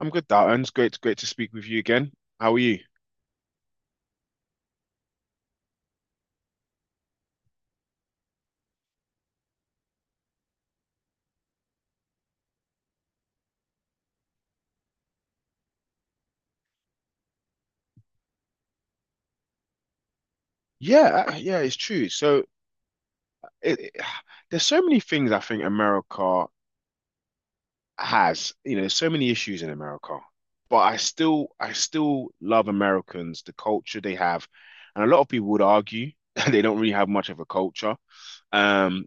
I'm good, Dalton. It's great to speak with you again. How are you? Yeah, it's true. So it, it- there's so many things I think America has. There's so many issues in America, but I still love Americans, the culture they have, and a lot of people would argue that they don't really have much of a culture. Um,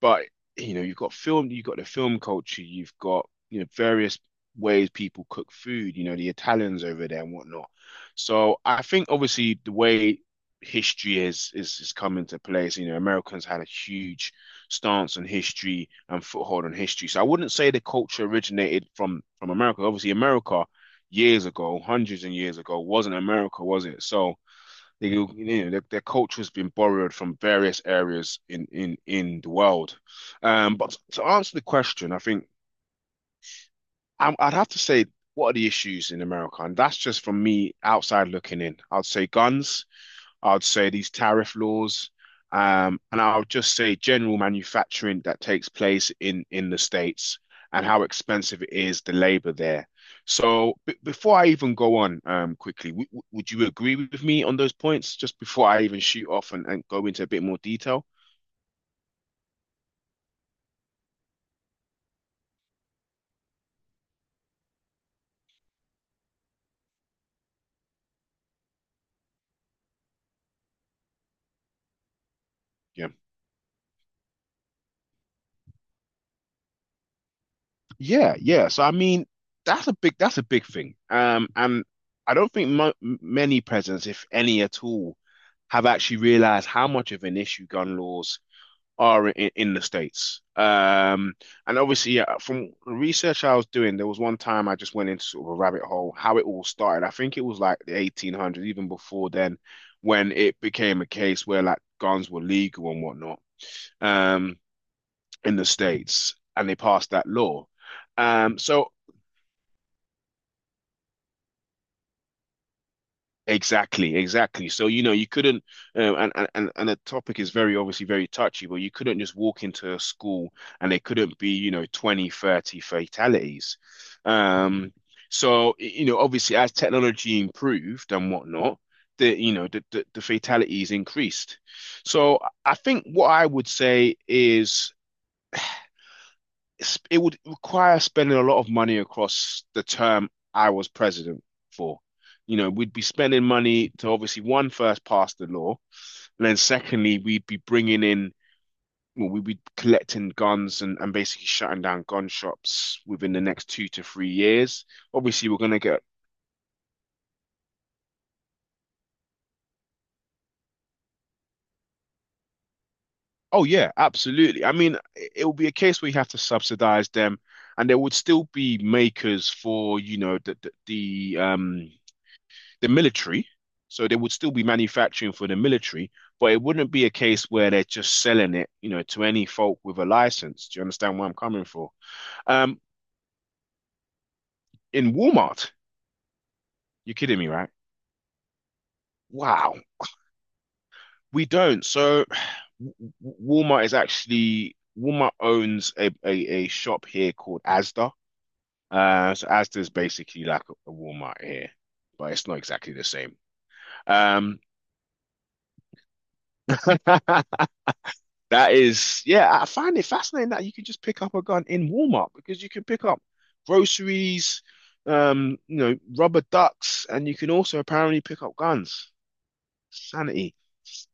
but you know, you've got film, you've got the film culture, you've got various ways people cook food. The Italians over there and whatnot. So I think obviously the way history is coming to place. Americans had a huge stance on history and foothold on history. So I wouldn't say the culture originated from America. Obviously, America years ago, hundreds and years ago, wasn't America, was it? So they, their culture has been borrowed from various areas in the world. But to answer the question, I think I'd have to say, what are the issues in America? And that's just from me outside looking in. I'd say guns. I'd say these tariff laws, and I'll just say general manufacturing that takes place in the States and how expensive it is, the labor there. So b before I even go on, quickly, would you agree with me on those points just before I even shoot off and go into a bit more detail? Yeah. Yeah, yeah. So I mean, that's a big thing. And I don't think many presidents, if any at all, have actually realized how much of an issue gun laws are in the States. And obviously, yeah, from the research I was doing, there was one time I just went into sort of a rabbit hole, how it all started. I think it was like the 1800s, even before then, when it became a case where like guns were legal and whatnot, um, in the States, and they passed that law. Um, so Exactly, exactly. So, you couldn't, and the topic is very obviously very touchy, but you couldn't just walk into a school and there couldn't be, 20, 30 fatalities. Um, so, obviously as technology improved and whatnot, the, you know, the fatalities increased. So I think what I would say is it would require spending a lot of money across the term I was president for. We'd be spending money to obviously one first pass the law, and then secondly, we'd be bringing in, well, we'd be collecting guns and basically shutting down gun shops within the next 2 to 3 years. Obviously, we're going to get, Oh yeah, absolutely. I mean, it will be a case where you have to subsidize them, and there would still be makers for, the um the military. So they would still be manufacturing for the military, but it wouldn't be a case where they're just selling it, to any folk with a license. Do you understand where I'm coming from? Um, in Walmart, you're kidding me, right? Wow, we don't. So w- Walmart is actually Walmart owns a shop here called Asda. So Asda is basically like a Walmart here, but it's not exactly the same. Um, That is, yeah, I find it fascinating that you can just pick up a gun in Walmart because you can pick up groceries, rubber ducks, and you can also apparently pick up guns. Sanity.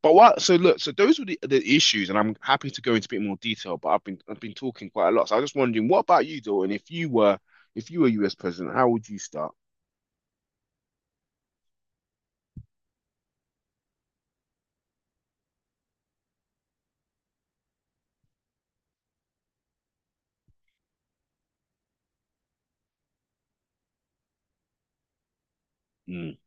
But what? So look, those were the issues, and I'm happy to go into a bit more detail. But I've been talking quite a lot, so I was just wondering, what about you, Dalton? If you were US president, how would you start? Mm,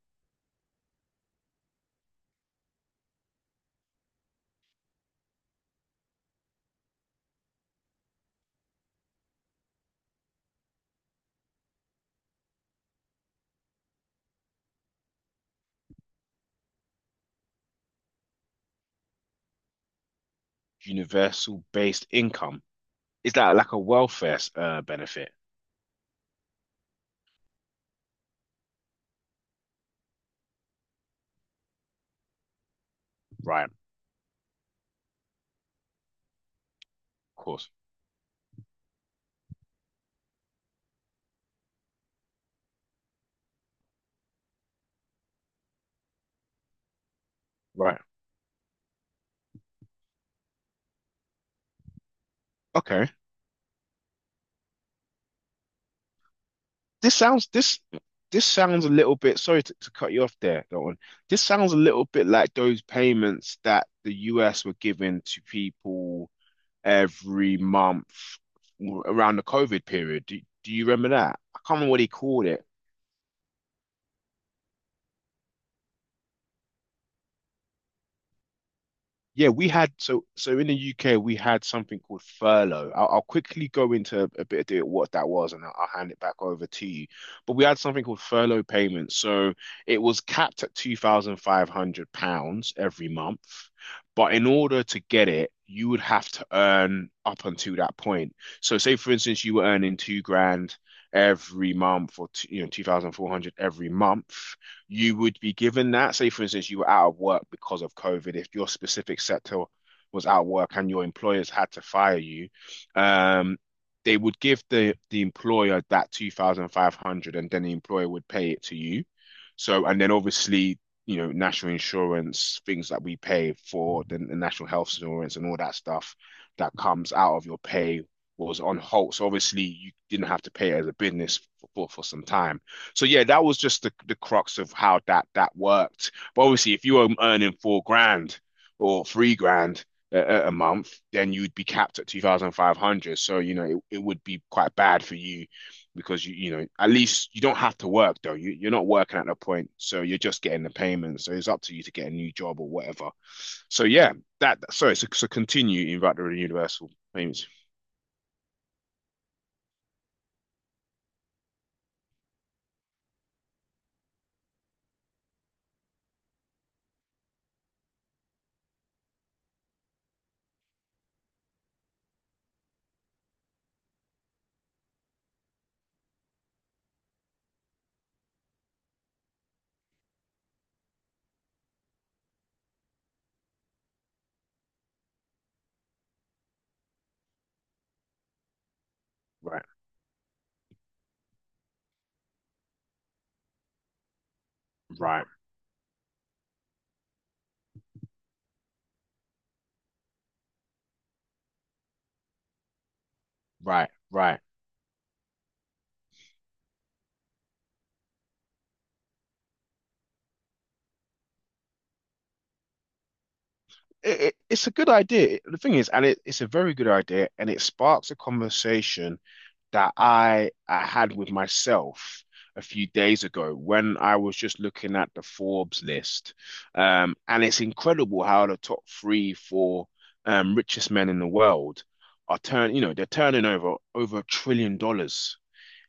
universal based income. Is that like a welfare benefit? Right, of course. Right. Okay. This sounds this this sounds a little bit, sorry to cut you off there, Dalton. This sounds a little bit like those payments that the US were giving to people every month around the COVID period. Do you remember that? I can't remember what he called it. Yeah, we had so in the UK we had something called furlough. I'll quickly go into a bit of detail what that was, and I'll hand it back over to you. But we had something called furlough payments. So it was capped at £2,500 every month, but in order to get it, you would have to earn up until that point. So say for instance you were earning 2 grand every month, or two, two thousand four hundred every month you would be given that. Say, for instance, you were out of work because of COVID. If your specific sector was out of work and your employers had to fire you, um, they would give the employer that 2,500 and then the employer would pay it to you. So, and then obviously, national insurance, things that we pay for the national health insurance and all that stuff that comes out of your pay was on hold. So obviously you didn't have to pay as a business for some time. So yeah, that was just the crux of how that that worked. But obviously, if you were earning 4 grand or 3 grand a month, then you'd be capped at 2,500. So, it would be quite bad for you because you, at least you don't have to work though. You're not working at that point. So you're just getting the payment. So it's up to you to get a new job or whatever. So yeah, that, sorry, so continue about the universal payments. Right, right, right, right. It's a good idea. The thing is, and it's a very good idea, and it sparks a conversation that I had with myself a few days ago when I was just looking at the Forbes list. And it's incredible how the top three, four richest men in the world are turn, you know, they're turning over $1 trillion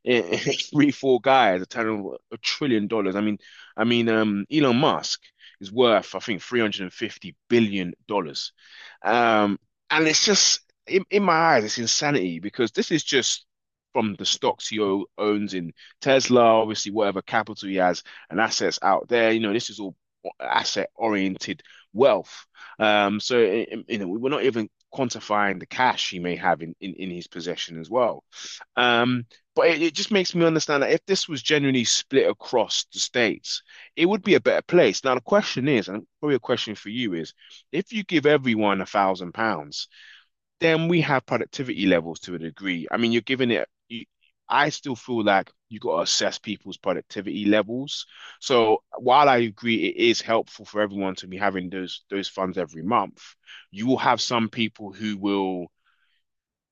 in three, four guys are turning $1 trillion. I mean, Elon Musk is worth, I think, $350 billion. Um, and it's just in my eyes, it's insanity because this is just from the stocks he owns in Tesla, obviously whatever capital he has and assets out there. This is all asset oriented wealth. So, we're not even quantifying the cash he may have in his possession as well. Um, but it just makes me understand that if this was genuinely split across the states, it would be a better place. Now, the question is, and probably a question for you is, if you give everyone £1,000, then we have productivity levels to a degree. I mean, you're giving it, I still feel like you got to assess people's productivity levels. So while I agree it is helpful for everyone to be having those funds every month, you will have some people who will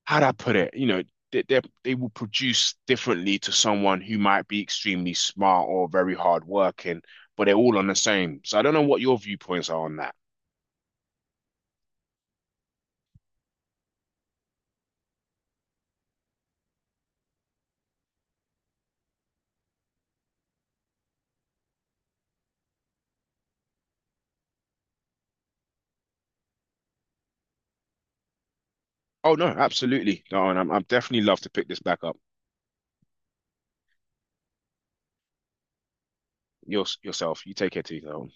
how'd I put it? You know, they will produce differently to someone who might be extremely smart or very hardworking, but they're all on the same. So I don't know what your viewpoints are on that. Oh no, absolutely, Darwin. I'm definitely love to pick this back up. Yourself. You take care, too, Darwin.